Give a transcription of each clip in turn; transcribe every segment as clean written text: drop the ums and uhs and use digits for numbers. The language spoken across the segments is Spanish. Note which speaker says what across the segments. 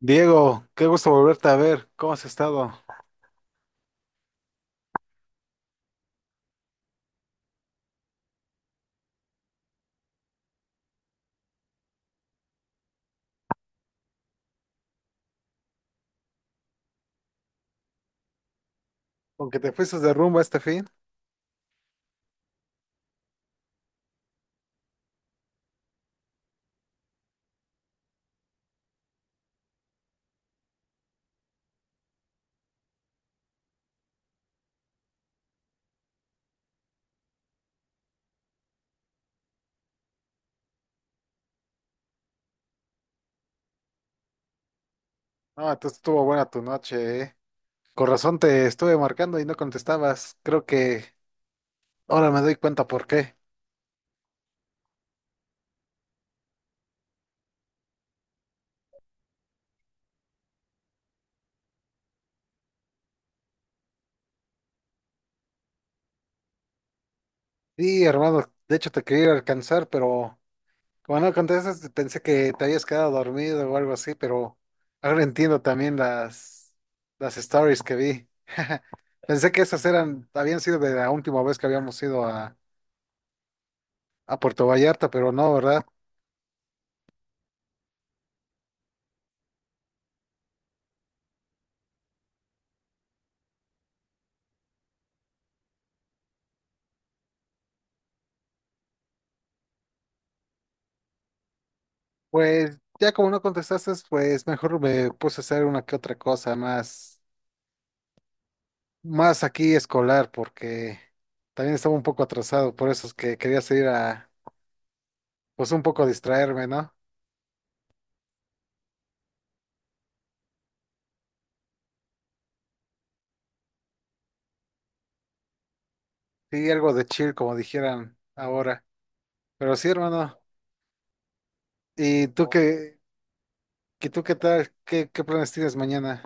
Speaker 1: Diego, qué gusto volverte a ver. ¿Cómo has estado? Aunque te fuiste de rumba este fin. Ah, entonces estuvo buena tu noche, ¿eh? Con razón te estuve marcando y no contestabas. Creo que ahora me doy cuenta por qué. Sí, hermano, de hecho te quería ir a alcanzar, pero como no contestas, pensé que te habías quedado dormido o algo así, pero ahora entiendo también las stories que vi. Pensé que esas eran, habían sido de la última vez que habíamos ido a Puerto Vallarta, pero no, ¿verdad? Pues ya como no contestaste, pues mejor me puse a hacer una que otra cosa más aquí escolar, porque también estaba un poco atrasado, por eso es que quería seguir a, pues un poco distraerme, ¿no? Sí, algo de chill, como dijeran ahora. Pero sí, hermano. ¿Y tú qué, qué tú qué tal? Qué planes tienes mañana?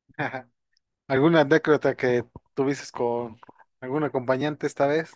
Speaker 1: ¿Alguna anécdota que tuvieses con algún acompañante esta vez?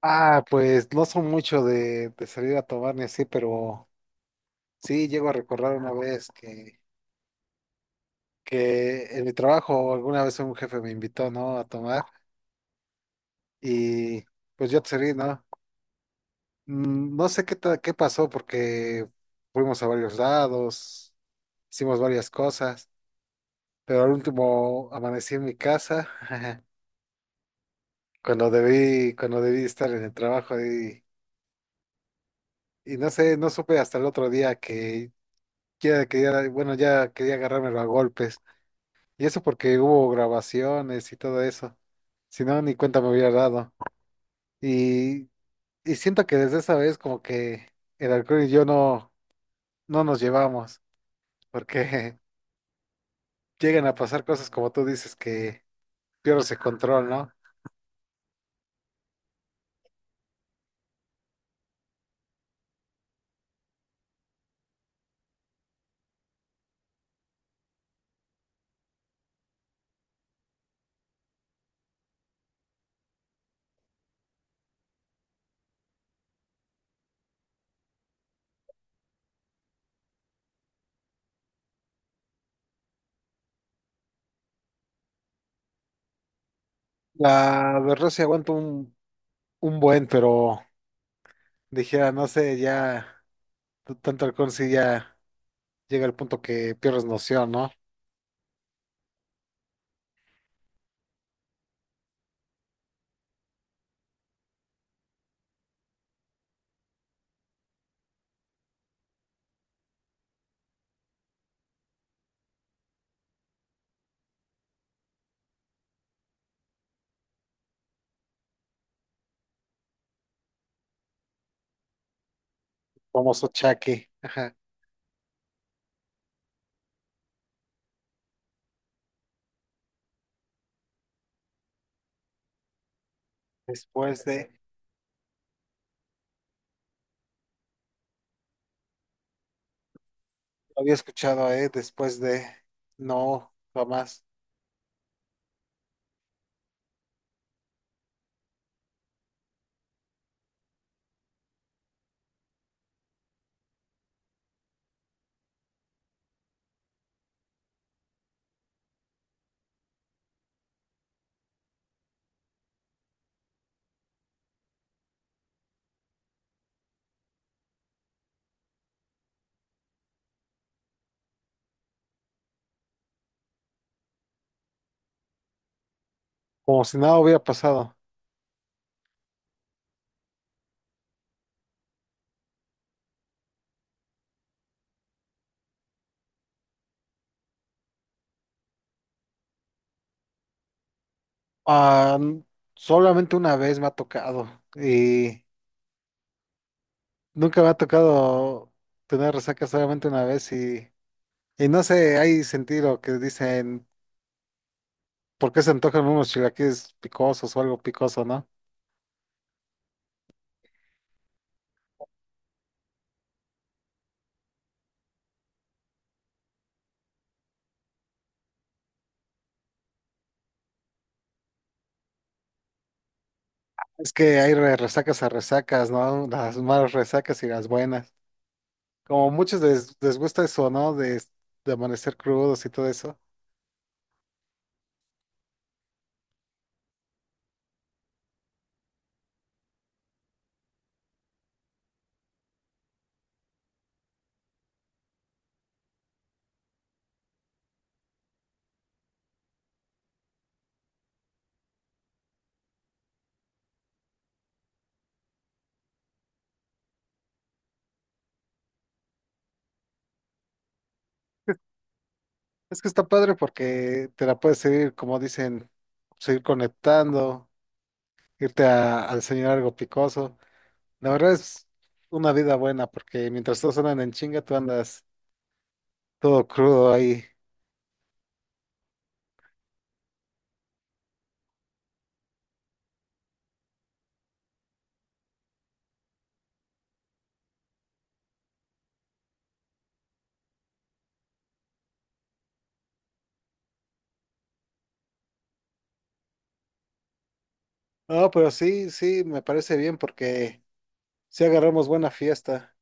Speaker 1: Ah, pues no son mucho de salir a tomar ni así, pero sí, llego a recordar una vez que en mi trabajo alguna vez un jefe me invitó, ¿no? A tomar y pues yo te accedí, ¿no? No sé qué pasó porque fuimos a varios lados, hicimos varias cosas, pero al último amanecí en mi casa cuando cuando debí estar en el trabajo y no sé, no supe hasta el otro día que ya quería, bueno, ya quería agarrármelo a golpes. Y eso porque hubo grabaciones y todo eso. Si no, ni cuenta me hubiera dado. Y, y siento que desde esa vez como que el alcohol y yo no nos llevamos, porque llegan a pasar cosas como tú dices que pierdes el control, ¿no? La verdad sí aguanto un buen, pero dijera, no sé, ya tanto alcohol sí ya llega al punto que pierdes noción, ¿no? Famoso chaque. Ajá. Después de, lo había escuchado, ¿eh? Después de, no, jamás. Como si nada hubiera pasado. Ah, solamente una vez me ha tocado y nunca me ha tocado tener resaca solamente una vez y no sé, hay sentido que dicen, ¿por qué se antojan unos chilaquiles picosos o algo picoso, no? Es que hay resacas a resacas, ¿no? Las malas resacas y las buenas. Como muchos les gusta eso, ¿no? De amanecer crudos y todo eso. Es que está padre porque te la puedes seguir, como dicen, seguir conectando, irte a desayunar algo picoso. La verdad es una vida buena porque mientras todos andan en chinga, tú andas todo crudo ahí. No, pero sí, sí, me parece bien porque si agarramos buena fiesta.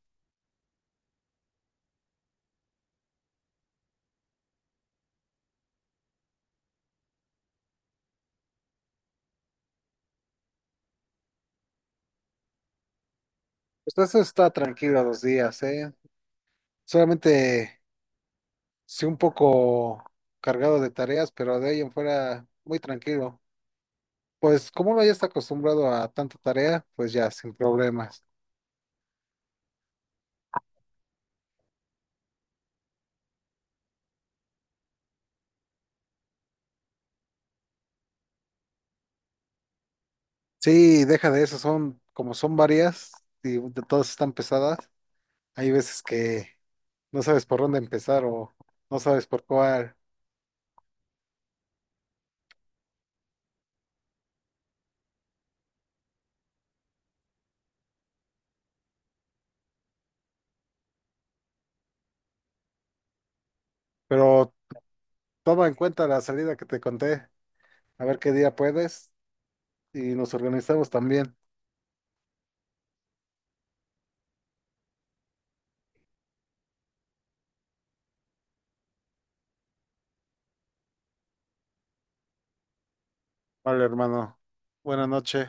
Speaker 1: Pues eso está tranquilo los días, ¿eh? Solamente sí un poco cargado de tareas, pero de ahí en fuera muy tranquilo. Pues como uno ya está acostumbrado a tanta tarea, pues ya, sin problemas. Sí, deja de eso, son como son varias y de todas están pesadas. Hay veces que no sabes por dónde empezar o no sabes por cuál, pero toma en cuenta la salida que te conté, a ver qué día puedes y nos organizamos también. Vale, hermano. Buenas noches.